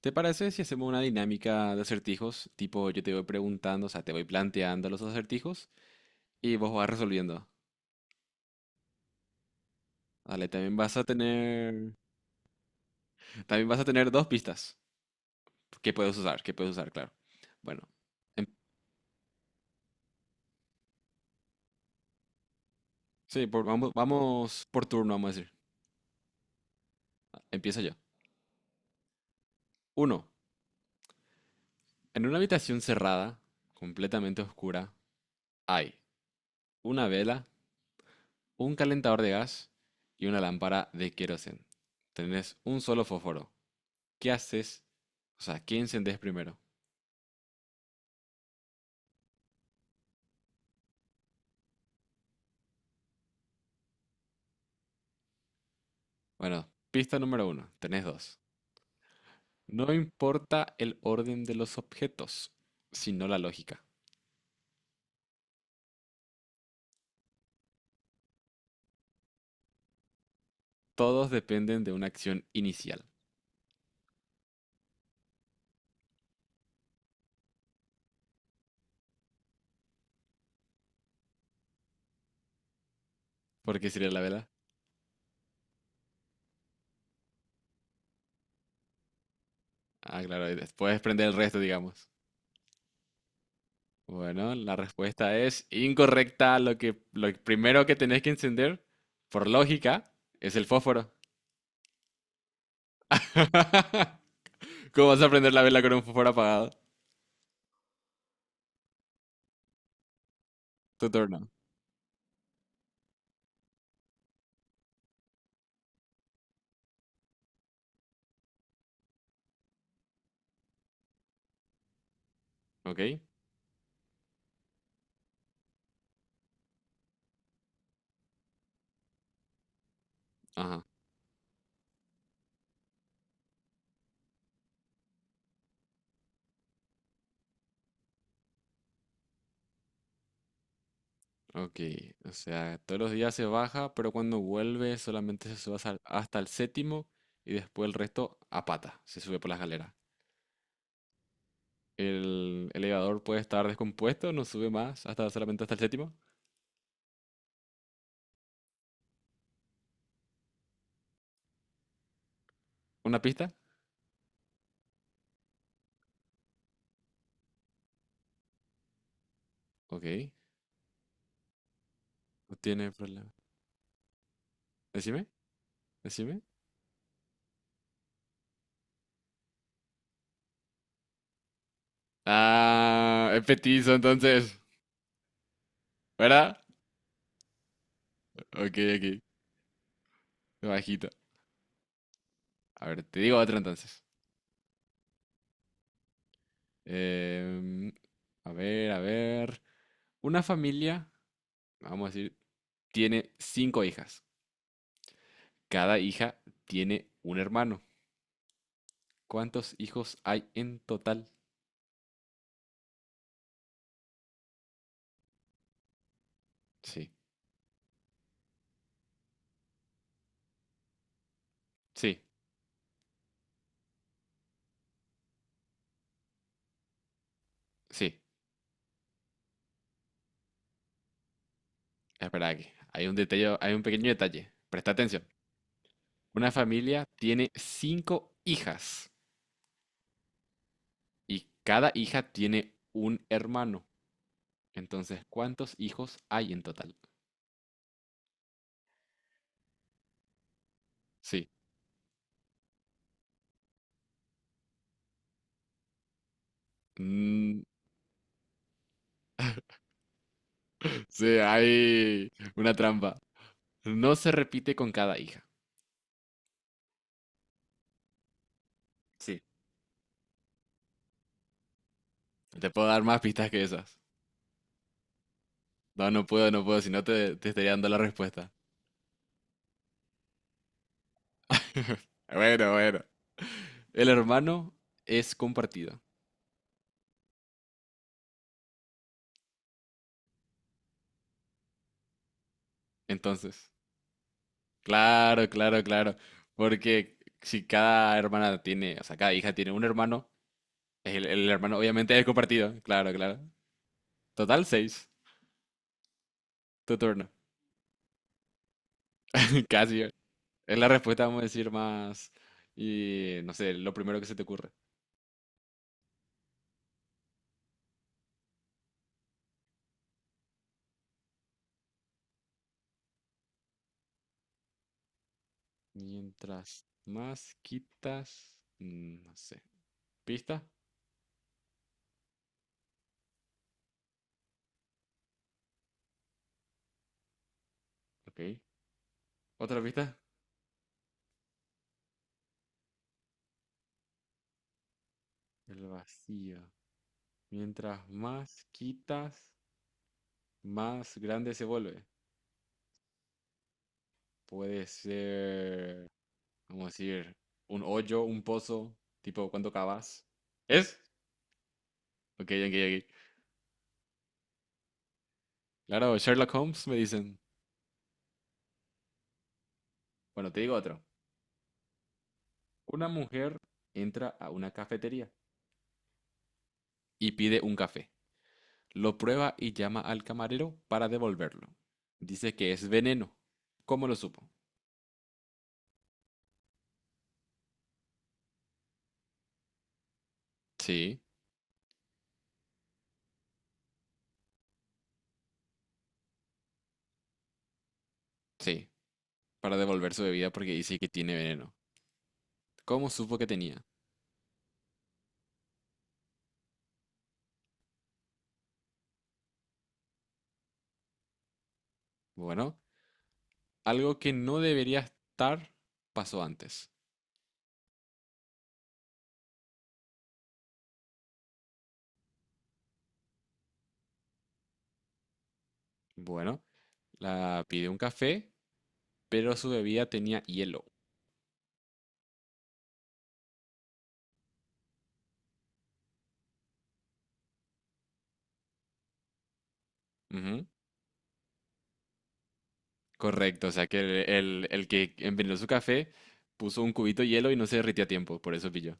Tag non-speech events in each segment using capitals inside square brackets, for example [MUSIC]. ¿Te parece si hacemos una dinámica de acertijos? Tipo, yo te voy preguntando, o sea, te voy planteando los acertijos y vos vas resolviendo. Dale, también vas a tener dos pistas que puedes usar, claro. Bueno, em- sí, vamos por turno, vamos a decir. Empiezo yo. Uno, en una habitación cerrada, completamente oscura, hay una vela, un calentador de gas y una lámpara de queroseno. Tenés un solo fósforo. ¿Qué haces? O sea, ¿qué encendés primero? Bueno, pista número uno, tenés dos. No importa el orden de los objetos, sino la lógica. Todos dependen de una acción inicial. ¿Por qué sería la vela? Ah, claro, y después prender el resto, digamos. Bueno, la respuesta es incorrecta. Lo primero que tenés que encender, por lógica, es el fósforo. [LAUGHS] ¿Cómo vas a prender la vela con un fósforo apagado? Tu turno, ¿ok? Ajá, ok. O sea, todos los días se baja, pero cuando vuelve solamente se sube hasta el séptimo y después el resto a pata, se sube por la escalera. El elevador puede estar descompuesto, no sube más, hasta solamente hasta el séptimo. ¿Una pista? Ok, no tiene problema. Decime, decime. Ah, es petizo entonces, ¿verdad? Ok, ok, bajito. A ver, te digo otra entonces. Em, a ver, a ver. Una familia, vamos a decir tiene cinco hijas. Cada hija tiene un hermano. ¿Cuántos hijos hay en total? Sí, sí, sí. Espera aquí. Hay un detalle, hay un pequeño detalle. Presta atención. Una familia tiene cinco hijas y cada hija tiene un hermano. Entonces, ¿cuántos hijos hay en total? Sí. Mm, sí, hay una trampa. No se repite con cada hija. Sí. Te puedo dar más pistas que esas. No, no puedo, no puedo, si no te estaría dando la respuesta. [LAUGHS] Bueno, bueno. El hermano es compartido. Entonces, claro, claro, claro. Porque si cada hermana tiene, o sea, cada hija tiene un hermano, el hermano obviamente es compartido. Claro, claro. Total, seis. Tu turno. [LAUGHS] Casi. Es la respuesta, vamos a decir, más... Y no sé, lo primero que se te ocurre. Mientras más quitas... No sé. ¿Pista? Ok. Otra pista. El vacío. Mientras más quitas, más grande se vuelve. Puede ser, vamos a decir, un hoyo, un pozo, tipo cuando cavas. ¿Es? Ok, ok, ok. Claro, Sherlock Holmes me dicen. Bueno, te digo otro. Una mujer entra a una cafetería y pide un café. Lo prueba y llama al camarero para devolverlo. Dice que es veneno. ¿Cómo lo supo? Sí, sí, para devolver su bebida porque dice que tiene veneno. ¿Cómo supo que tenía? Bueno, algo que no debería estar pasó antes. Bueno, la pidió un café, pero su bebida tenía hielo. Ujú, correcto, o sea que el que envenenó su café puso un cubito de hielo y no se derritió a tiempo, por eso pilló.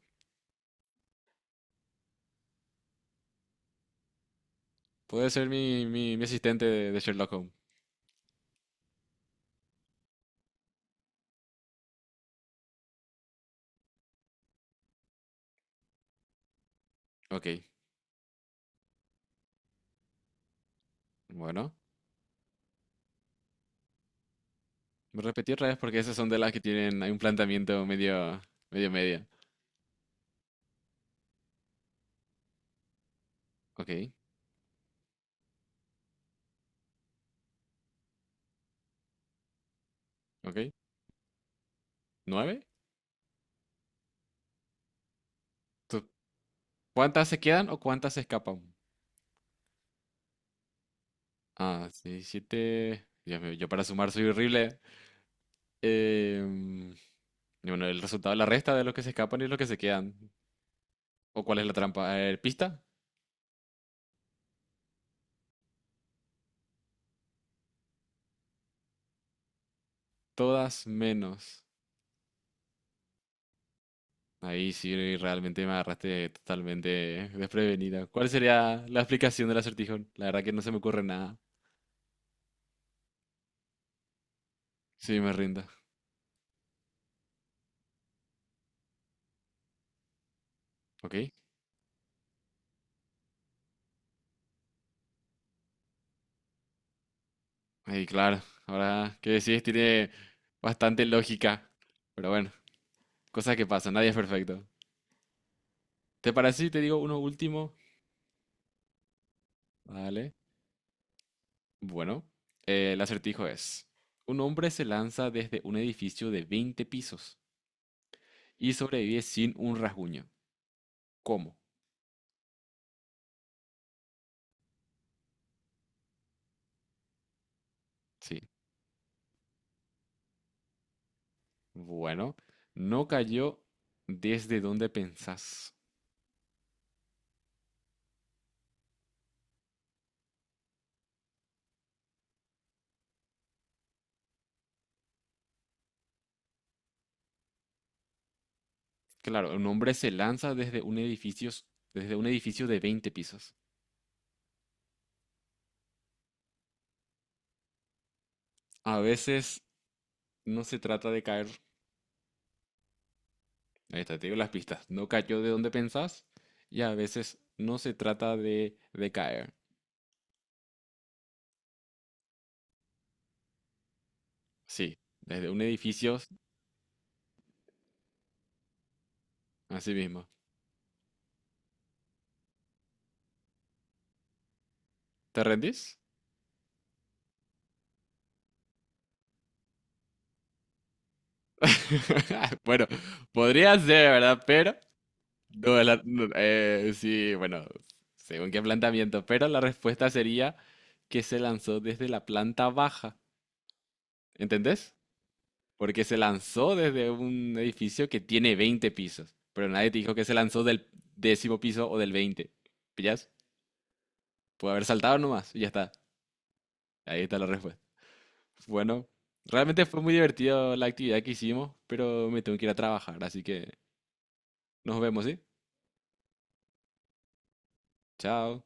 Puede ser mi asistente de Sherlock Holmes. Ok, bueno. Me repetí otra vez porque esas son de las que tienen, hay un planteamiento medio, medio media. Ok, ok. ¿Nueve? ¿Tú- ¿Cuántas se quedan o cuántas se escapan? Ah, 6, 7 Dios mío, yo para sumar soy horrible. Em, y bueno, el resultado la resta de los que se escapan y los que se quedan. ¿O cuál es la trampa? A ver, pista. Todas menos. Ahí sí realmente me agarraste totalmente desprevenida. ¿Cuál sería la explicación del acertijo? La verdad que no se me ocurre nada. Sí, me rindo. Ok. Ahí, claro. Ahora que decís, tiene bastante lógica. Pero bueno, cosas que pasan. Nadie es perfecto. ¿Te parece si te digo uno último? Vale. Bueno, el acertijo es, un hombre se lanza desde un edificio de 20 pisos y sobrevive sin un rasguño. ¿Cómo? Sí. Bueno, no cayó desde donde pensás. Claro, un hombre se lanza desde un edificio de 20 pisos. A veces no se trata de caer, ahí está, te digo las pistas, no cayó de donde pensás y a veces no se trata de caer. Sí, desde un edificio, así mismo. ¿Te rendís? [LAUGHS] Bueno, podría ser, ¿verdad? Pero, no, no, sí, bueno, según qué planteamiento, pero la respuesta sería que se lanzó desde la planta baja, ¿entendés? Porque se lanzó desde un edificio que tiene veinte pisos, pero nadie te dijo que se lanzó del décimo piso o del veinte, ¿pillas? Puede haber saltado nomás y ya está, ahí está la respuesta. Bueno, realmente fue muy divertido la actividad que hicimos, pero me tengo que ir a trabajar, así que nos vemos, ¿sí? Chao.